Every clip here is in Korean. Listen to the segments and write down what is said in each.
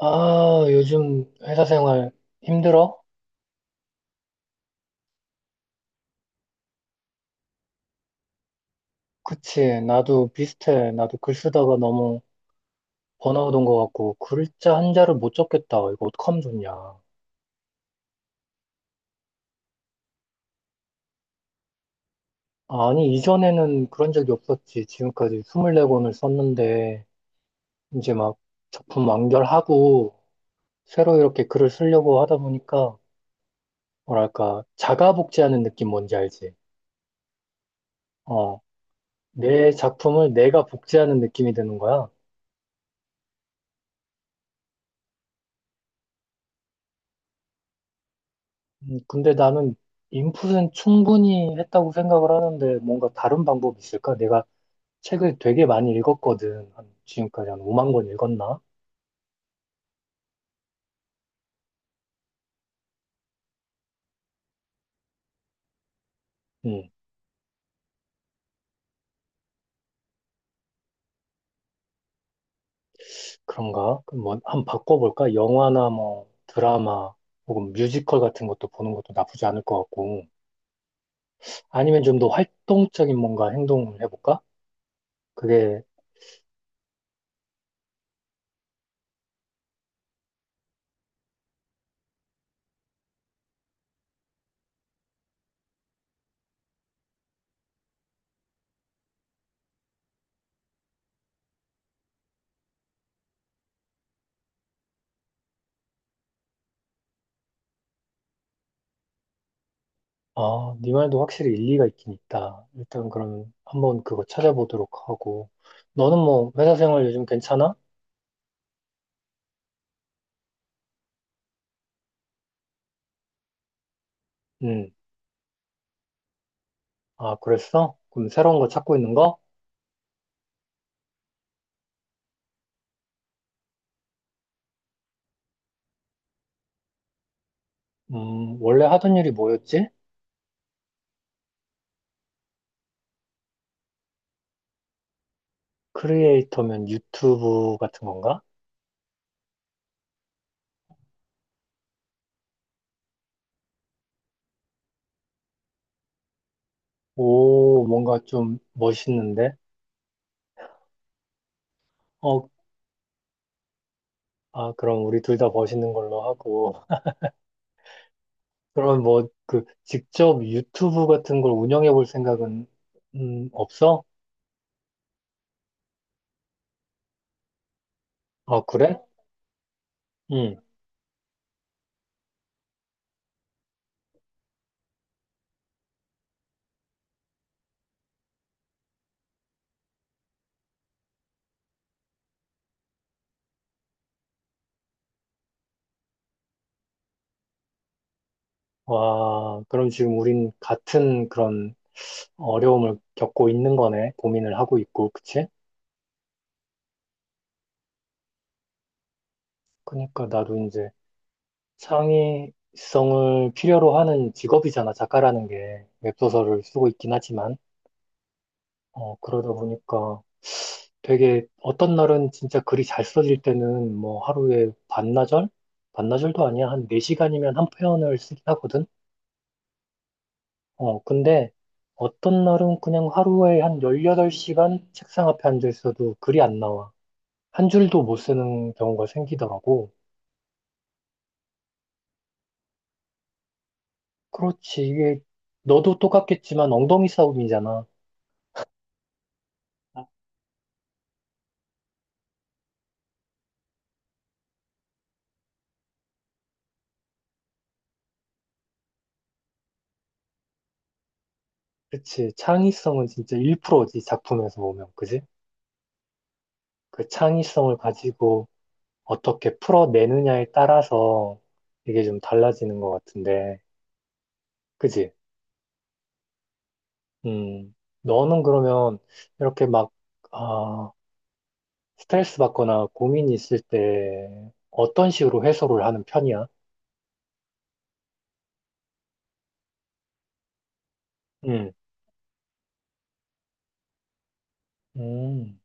아, 요즘 회사 생활 힘들어? 그치. 나도 비슷해. 나도 글 쓰다가 너무 번아웃 온 것 같고, 글자 한자를 못 적겠다. 이거 어떡하면 좋냐. 아니, 이전에는 그런 적이 없었지. 지금까지 24권을 썼는데, 이제 막 작품 완결하고, 새로 이렇게 글을 쓰려고 하다 보니까, 뭐랄까, 자가 복제하는 느낌 뭔지 알지? 어, 내 작품을 내가 복제하는 느낌이 드는 거야. 근데 나는 인풋은 충분히 했다고 생각을 하는데 뭔가 다른 방법이 있을까? 내가 책을 되게 많이 읽었거든. 한 지금까지 한 5만 권 읽었나? 음, 그런가? 그럼 뭐 한번 바꿔볼까? 영화나 뭐 드라마 혹은 뮤지컬 같은 것도 보는 것도 나쁘지 않을 것 같고, 아니면 좀 더 활동적인 뭔가 행동을 해볼까? 그게, 아, 네 말도 확실히 일리가 있긴 있다. 일단 그럼 한번 그거 찾아보도록 하고, 너는 뭐 회사 생활 요즘 괜찮아? 음. 아, 그랬어? 그럼 새로운 거 찾고 있는 거? 원래 하던 일이 뭐였지? 크리에이터면 유튜브 같은 건가? 오, 뭔가 좀 멋있는데? 어, 아, 그럼 우리 둘 다 멋있는 걸로 하고. 그럼 뭐, 그, 직접 유튜브 같은 걸 운영해 볼 생각은, 없어? 아, 그래? 응. 와, 그럼 지금 우린 같은 그런 어려움을 겪고 있는 거네. 고민을 하고 있고, 그치? 그니까 나도 이제 창의성을 필요로 하는 직업이잖아, 작가라는 게. 웹소설을 쓰고 있긴 하지만. 어, 그러다 보니까 되게 어떤 날은 진짜 글이 잘 써질 때는 뭐 하루에 반나절? 반나절도 아니야. 한 4시간이면 한 편을 쓰긴 하거든. 어, 근데 어떤 날은 그냥 하루에 한 18시간 책상 앞에 앉아 있어도 글이 안 나와. 한 줄도 못 쓰는 경우가 생기더라고. 그렇지. 이게 너도 똑같겠지만 엉덩이 싸움이잖아. 그치. 창의성은 진짜 1%지, 작품에서 보면. 그지? 그 창의성을 가지고 어떻게 풀어내느냐에 따라서 이게 좀 달라지는 것 같은데. 그지? 음. 너는 그러면 이렇게 막, 아, 스트레스 받거나 고민이 있을 때 어떤 식으로 해소를 하는 편이야? 음. 음.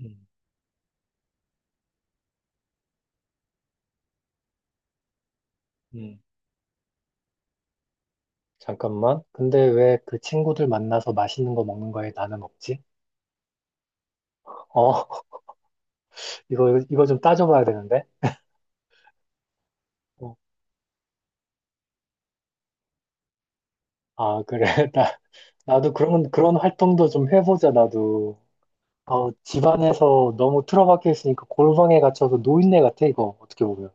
음. 음. 잠깐만. 근데 왜 그 친구들 만나서 맛있는 거 먹는 거에 나는 없지? 어, 이거 좀 따져봐야 되는데. 어. 아, 그래. 나, 나도 그런 활동도 좀 해보자, 나도. 어, 집안에서 너무 틀어박혀 있으니까 골방에 갇혀서 노인네 같아, 이거. 어떻게 보면.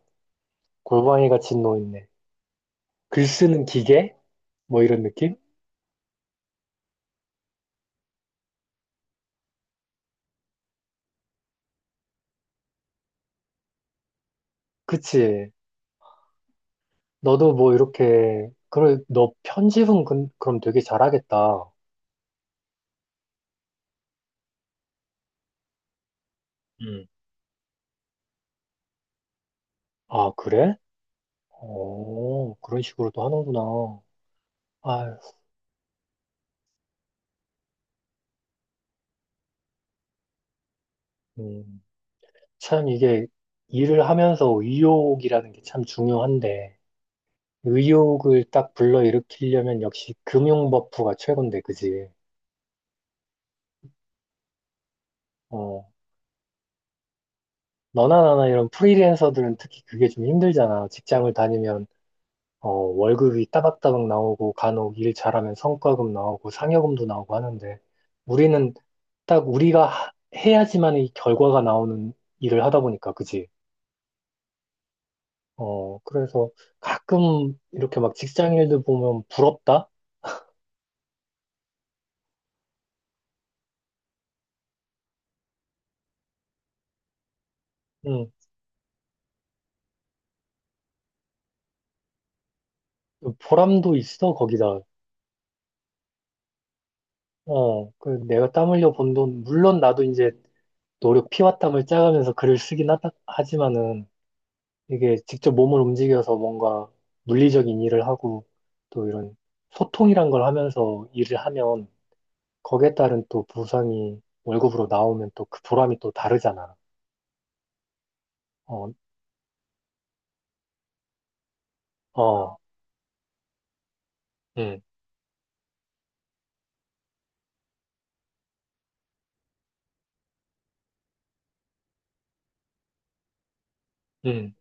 골방에 갇힌 노인네. 글 쓰는 기계? 뭐 이런 느낌? 그치. 너도 뭐 이렇게, 그래, 너 편집은 그, 그럼 되게 잘하겠다. 음. 아, 그래? 어, 그런 식으로도 하는구나. 아, 음, 참 이게 일을 하면서 의욕이라는 게 참 중요한데. 의욕을 딱 불러일으키려면 역시 금융 버프가 최고인데, 그지? 어, 너나 나나 이런 프리랜서들은 특히 그게 좀 힘들잖아. 직장을 다니면, 어, 월급이 따박따박 나오고, 간혹 일 잘하면 성과금 나오고, 상여금도 나오고 하는데, 우리는 딱 우리가 해야지만 이 결과가 나오는 일을 하다 보니까, 그지? 어, 그래서 가끔 이렇게 막 직장 일들 보면 부럽다? 응, 보람도 있어, 거기다. 어, 그 내가 땀 흘려 번 돈, 물론 나도 이제 노력 피와 땀을 짜가면서 글을 쓰긴 하다, 하지만은 이게 직접 몸을 움직여서 뭔가 물리적인 일을 하고 또 이런 소통이란 걸 하면서 일을 하면 거기에 따른 또 보상이 월급으로 나오면 또 그 보람이 또 다르잖아. 어, 어, 음, 음.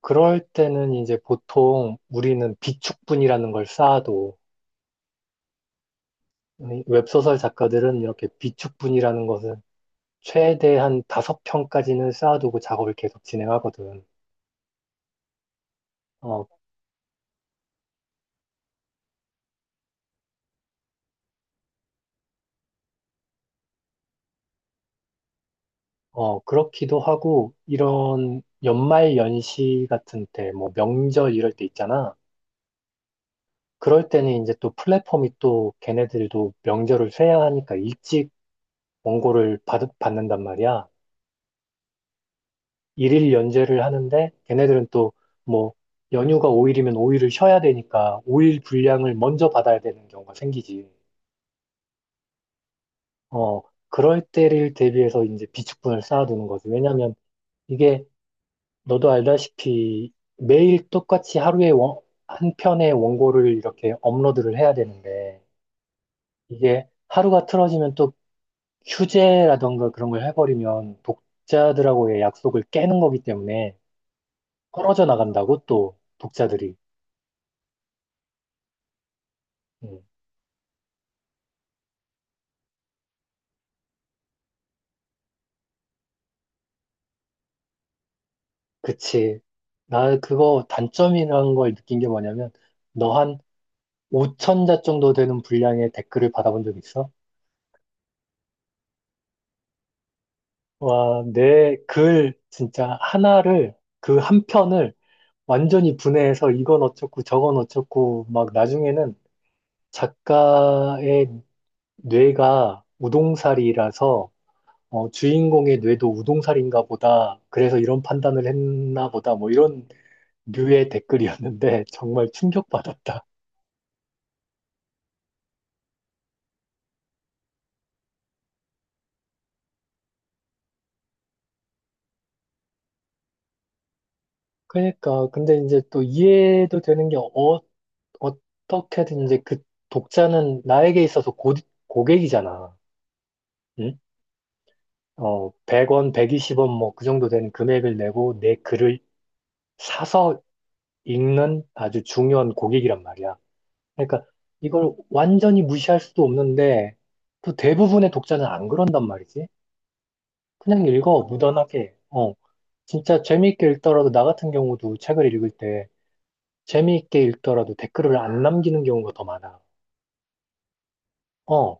그럴 때는 이제 보통 우리는 비축분이라는 걸 쌓아도 웹소설 작가들은 이렇게 비축분이라는 것은 최대한 다섯 평까지는 쌓아두고 작업을 계속 진행하거든. 어, 어, 그렇기도 하고, 이런 연말 연시 같은 때, 뭐 명절 이럴 때 있잖아. 그럴 때는 이제 또 플랫폼이 또 걔네들도 명절을 쇠야 하니까 일찍 원고를 받는단 말이야. 일일 연재를 하는데 걔네들은 또 뭐 연휴가 5일이면 5일을 쉬어야 되니까 5일 분량을 먼저 받아야 되는 경우가 생기지. 어, 그럴 때를 대비해서 이제 비축분을 쌓아두는 거지. 왜냐면 이게 너도 알다시피 매일 똑같이 하루에 한 편의 원고를 이렇게 업로드를 해야 되는데 이게 하루가 틀어지면 또 휴재라던가 그런 걸 해버리면 독자들하고의 약속을 깨는 거기 때문에 떨어져 나간다고 또 독자들이. 음, 그치. 나 그거 단점이라는 걸 느낀 게 뭐냐면 너 한 5천 자 정도 되는 분량의 댓글을 받아본 적 있어? 와, 내 글 진짜 하나를 그 한 편을 완전히 분해해서 이건 어쩌고 저건 어쩌고 막 나중에는 작가의 뇌가 우동살이라서 어, 주인공의 뇌도 우동살인가 보다. 그래서 이런 판단을 했나 보다. 뭐 이런 류의 댓글이었는데 정말 충격받았다. 그러니까 근데 이제 또 이해도 되는 게 어, 어떻게든 이제 그 독자는 나에게 있어서 고객이잖아. 응? 어, 100원, 120원 뭐 그 정도 되는 금액을 내고 내 글을 사서 읽는 아주 중요한 고객이란 말이야. 그러니까 이걸 완전히 무시할 수도 없는데 또 대부분의 독자는 안 그런단 말이지. 그냥 읽어, 무던하게. 어. 진짜 재미있게 읽더라도 나 같은 경우도 책을 읽을 때 재미있게 읽더라도 댓글을 안 남기는 경우가 더 많아. 어.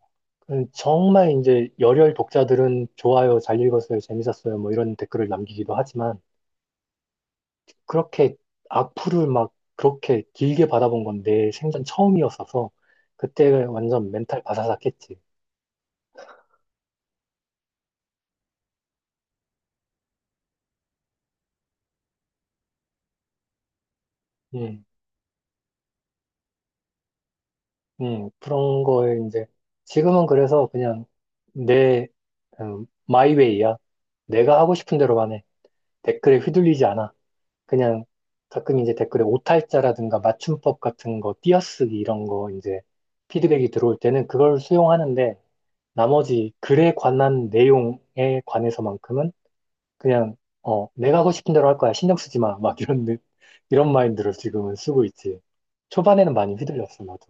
정말 이제 열혈 독자들은 좋아요, 잘 읽었어요, 재밌었어요, 뭐 이런 댓글을 남기기도 하지만 그렇게 악플을 막 그렇게 길게 받아본 건데 생전 처음이었어서 그때 완전 멘탈 바사삭했지. 음, 그런 거에 이제 지금은 그래서 그냥 내 마이웨이야. 내가 하고 싶은 대로만 해. 댓글에 휘둘리지 않아. 그냥 가끔 이제 댓글에 오탈자라든가 맞춤법 같은 거, 띄어쓰기 이런 거 이제 피드백이 들어올 때는 그걸 수용하는데 나머지 글에 관한 내용에 관해서만큼은 그냥 어 내가 하고 싶은 대로 할 거야. 신경 쓰지 마. 막 이런 이런 마인드를 지금은 쓰고 있지. 초반에는 많이 휘둘렸어, 나도.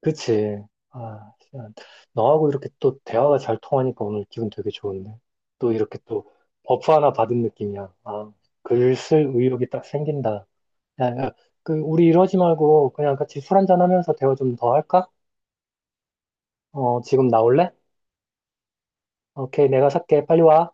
그치. 아, 시간. 너하고 이렇게 또 대화가 잘 통하니까 오늘 기분 되게 좋은데, 또 이렇게 또 버프 하나 받은 느낌이야. 아, 글 쓸 의욕이 딱 생긴다. 야, 그 우리 이러지 말고 그냥 같이 술 한잔 하면서 대화 좀 더 할까? 어, 지금 나올래? 오케이, 내가 살게. 빨리 와.